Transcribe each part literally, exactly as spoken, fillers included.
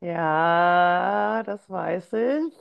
Ja, das weiß ich.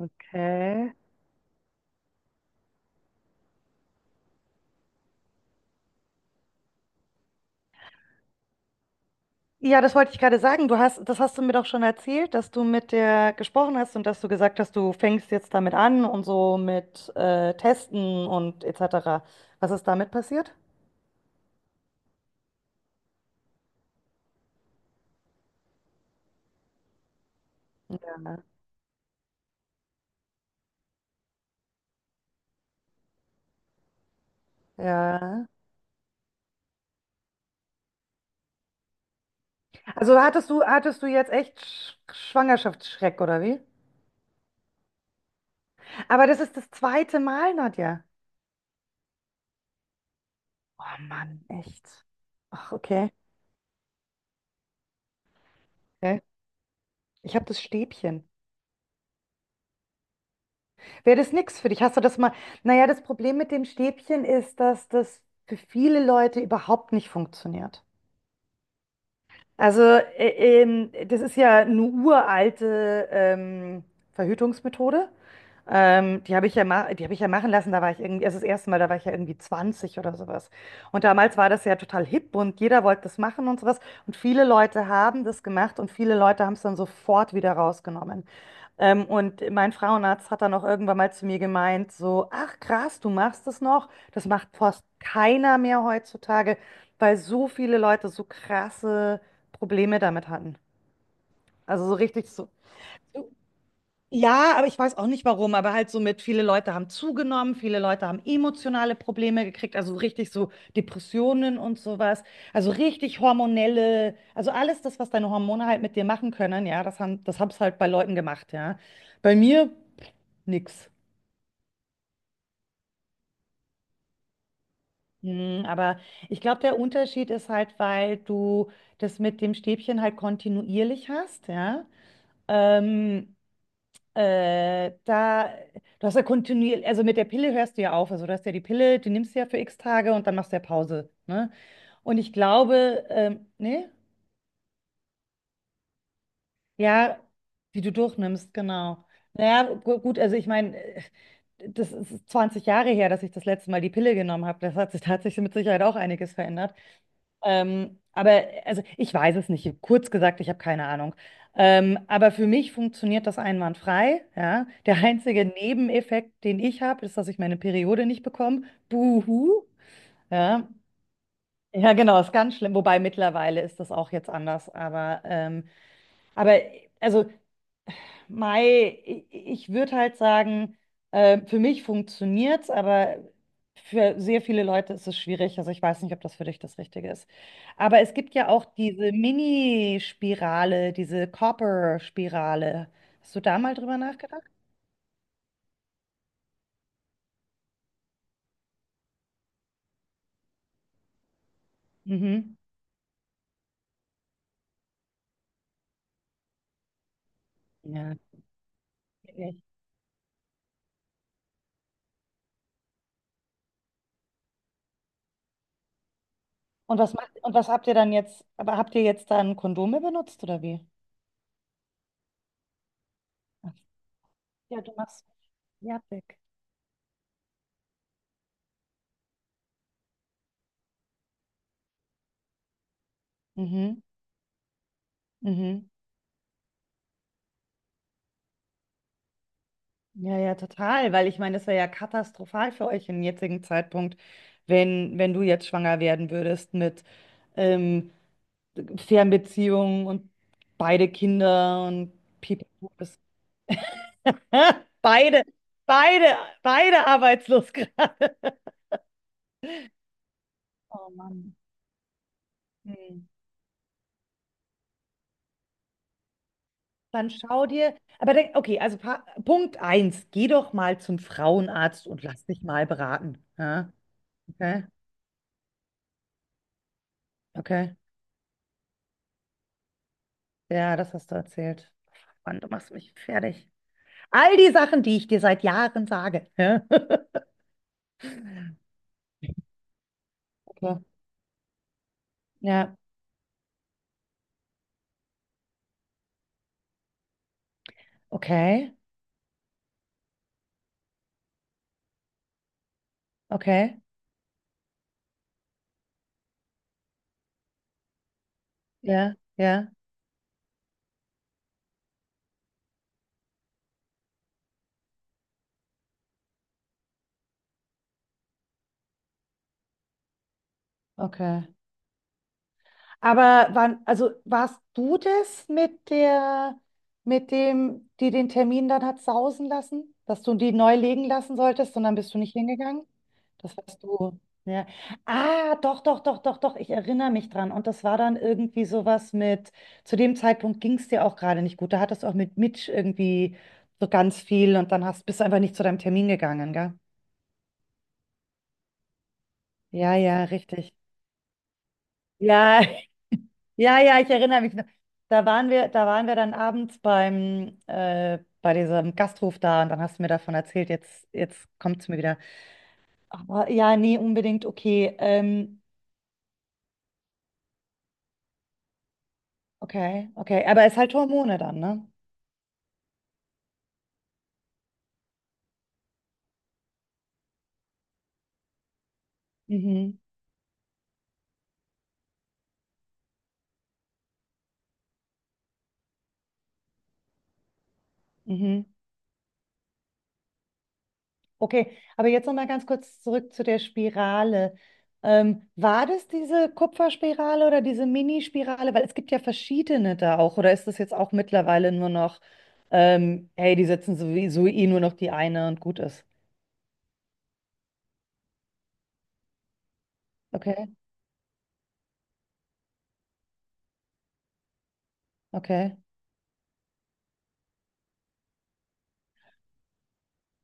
Okay. Ja, das wollte ich gerade sagen. Du hast, das hast du mir doch schon erzählt, dass du mit der gesprochen hast und dass du gesagt hast, du fängst jetzt damit an und so mit äh, Testen und et cetera. Was ist damit passiert? Ja. Ja. Also hattest du, hattest du jetzt echt Sch Schwangerschaftsschreck oder wie? Aber das ist das zweite Mal, Nadja. Oh Mann, echt. Ach, okay. Okay. Ich habe das Stäbchen. Wäre das nichts für dich? Hast du das mal? Naja, das Problem mit dem Stäbchen ist, dass das für viele Leute überhaupt nicht funktioniert. Also, äh, ähm, das ist ja eine uralte ähm, Verhütungsmethode. Ähm, die habe ich ja ma die habe ich ja machen lassen. Da war ich irgendwie, also das erste Mal, da war ich ja irgendwie zwanzig oder sowas. Und damals war das ja total hip und jeder wollte das machen und sowas. Und viele Leute haben das gemacht und viele Leute haben es dann sofort wieder rausgenommen. Ähm, und mein Frauenarzt hat dann auch irgendwann mal zu mir gemeint, so, ach krass, du machst das noch. Das macht fast keiner mehr heutzutage, weil so viele Leute so krasse Probleme damit hatten. Also so richtig so, ja, aber ich weiß auch nicht warum, aber halt so mit, viele Leute haben zugenommen, viele Leute haben emotionale Probleme gekriegt, also richtig so Depressionen und sowas, also richtig hormonelle, also alles das, was deine Hormone halt mit dir machen können, ja, das haben, das hab's halt bei Leuten gemacht, ja. Bei mir nix. Hm, aber ich glaube, der Unterschied ist halt, weil du das mit dem Stäbchen halt kontinuierlich hast, ja. Ähm, Äh, da, Du hast ja kontinuierlich, also mit der Pille hörst du ja auf. Also du hast ja die Pille, die nimmst du ja für x Tage und dann machst du ja Pause, ne? Und ich glaube, ähm, ne? Ja, die du durchnimmst, genau. Naja, gu- gut, also ich meine, äh, das ist zwanzig Jahre her, dass ich das letzte Mal die Pille genommen habe. Das hat sich, da hat sich mit Sicherheit auch einiges verändert. Ähm, aber also ich weiß es nicht. Kurz gesagt, ich habe keine Ahnung. Ähm, aber für mich funktioniert das einwandfrei. Ja? Der einzige Nebeneffekt, den ich habe, ist, dass ich meine Periode nicht bekomme. Buhu. Ja. Ja, genau, ist ganz schlimm. Wobei mittlerweile ist das auch jetzt anders. Aber, ähm, aber also Mei, i- ich würde halt sagen, äh, für mich funktioniert's, aber für sehr viele Leute ist es schwierig. Also ich weiß nicht, ob das für dich das Richtige ist. Aber es gibt ja auch diese Mini-Spirale, diese Copper-Spirale. Hast du da mal drüber nachgedacht? Mhm. Ja. Okay. Und was macht, und was habt ihr dann jetzt, aber habt ihr jetzt dann Kondome benutzt oder wie? Ach, ja, du machst fertig. Mhm. Mhm. Ja, ja, total, weil ich meine, das wäre ja katastrophal für euch im jetzigen Zeitpunkt, wenn, wenn du jetzt schwanger werden würdest mit ähm, Fernbeziehungen und beide Kinder und Pipapo. Das- Beide, beide, beide arbeitslos gerade. Oh Mann. Hm. Dann schau dir, aber denk, okay, also Pa- Punkt eins, geh doch mal zum Frauenarzt und lass dich mal beraten. Ja? Okay, okay. Ja, das hast du erzählt. Mann, du machst mich fertig. All die Sachen, die ich dir seit Jahren sage. Ja, okay. Ja, okay, okay, ja, ja, okay. Aber wann, also warst du das mit der, mit dem, die den Termin dann hat sausen lassen, dass du die neu legen lassen solltest und dann bist du nicht hingegangen? Das warst du. Ja. Ah, doch, doch, doch, doch, doch. Ich erinnere mich dran. Und das war dann irgendwie sowas mit, zu dem Zeitpunkt ging es dir auch gerade nicht gut. Da hattest du auch mit Mitch irgendwie so ganz viel und dann hast, bist du einfach nicht zu deinem Termin gegangen, gell? Ja, ja, richtig. Ja, ja, ja, ich erinnere mich noch. Da waren wir, da waren wir dann abends beim, äh, bei diesem Gasthof da und dann hast du mir davon erzählt, jetzt, jetzt kommt es mir wieder. Aber ja, nee, unbedingt, okay. Ähm, okay, okay. Aber es ist halt Hormone dann, ne? Mhm, mhm. Okay, aber jetzt noch mal ganz kurz zurück zu der Spirale. Ähm, war das diese Kupferspirale oder diese Mini-Spirale? Weil es gibt ja verschiedene da auch. Oder ist das jetzt auch mittlerweile nur noch, ähm, hey, die setzen sowieso eh nur noch die eine und gut ist? Okay, okay.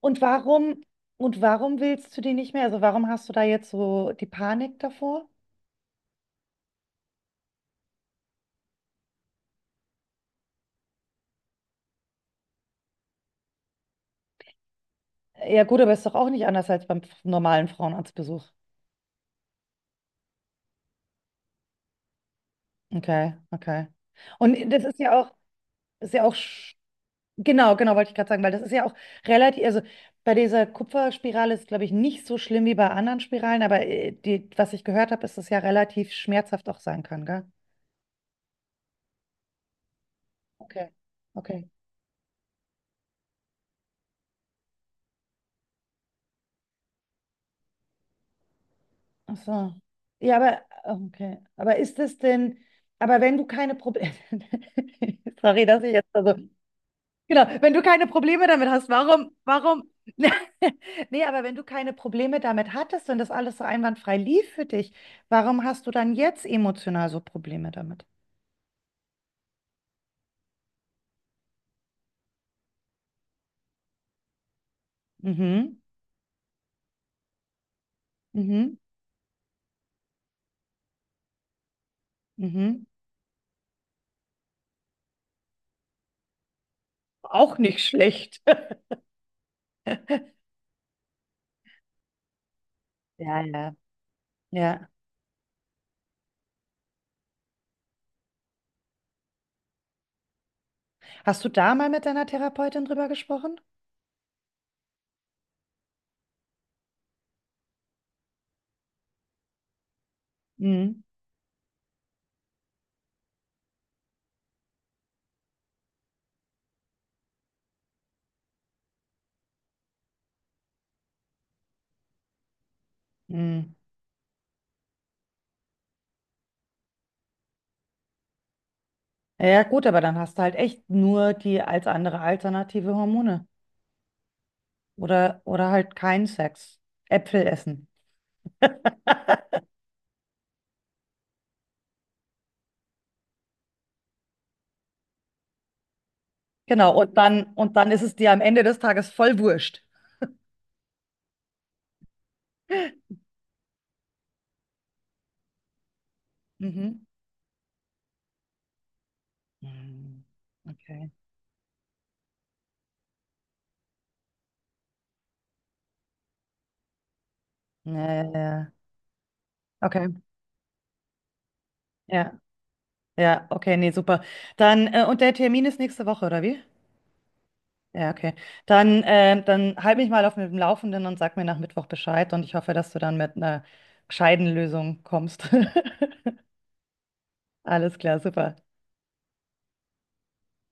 Und warum, und warum willst du die nicht mehr? Also warum hast du da jetzt so die Panik davor? Äh, Ja gut, aber ist doch auch nicht anders als beim normalen Frauenarztbesuch. Okay, okay. Und das ist ja auch, ist ja auch Genau, genau, wollte ich gerade sagen, weil das ist ja auch relativ, also bei dieser Kupferspirale ist, glaube ich, nicht so schlimm wie bei anderen Spiralen, aber äh, die, was ich gehört habe, ist, dass es ja relativ schmerzhaft auch sein kann, gell? Okay, okay. Ach so. Ja, aber, okay. Aber ist es denn, aber wenn du keine Probleme, sorry, dass ich jetzt, also, genau, wenn du keine Probleme damit hast, warum, warum, nee, aber wenn du keine Probleme damit hattest und das alles so einwandfrei lief für dich, warum hast du dann jetzt emotional so Probleme damit? Mhm. Mhm. Mhm. Auch nicht schlecht. Ja, ja, ja. Hast du da mal mit deiner Therapeutin drüber gesprochen? Mhm. Mhm. Ja, gut, aber dann hast du halt echt nur die als andere alternative Hormone oder oder halt keinen Sex. Äpfel essen. Genau, und dann und dann ist es dir am Ende des Tages voll wurscht. Mhm. Mhm. Okay. Ja, ja, ja. Okay. Ja, ja, okay, nee, super. Dann äh, und der Termin ist nächste Woche, oder wie? Ja, okay. Dann, äh, dann halt mich mal auf dem Laufenden und sag mir nach Mittwoch Bescheid und ich hoffe, dass du dann mit einer gescheiten Lösung kommst. Alles klar, super.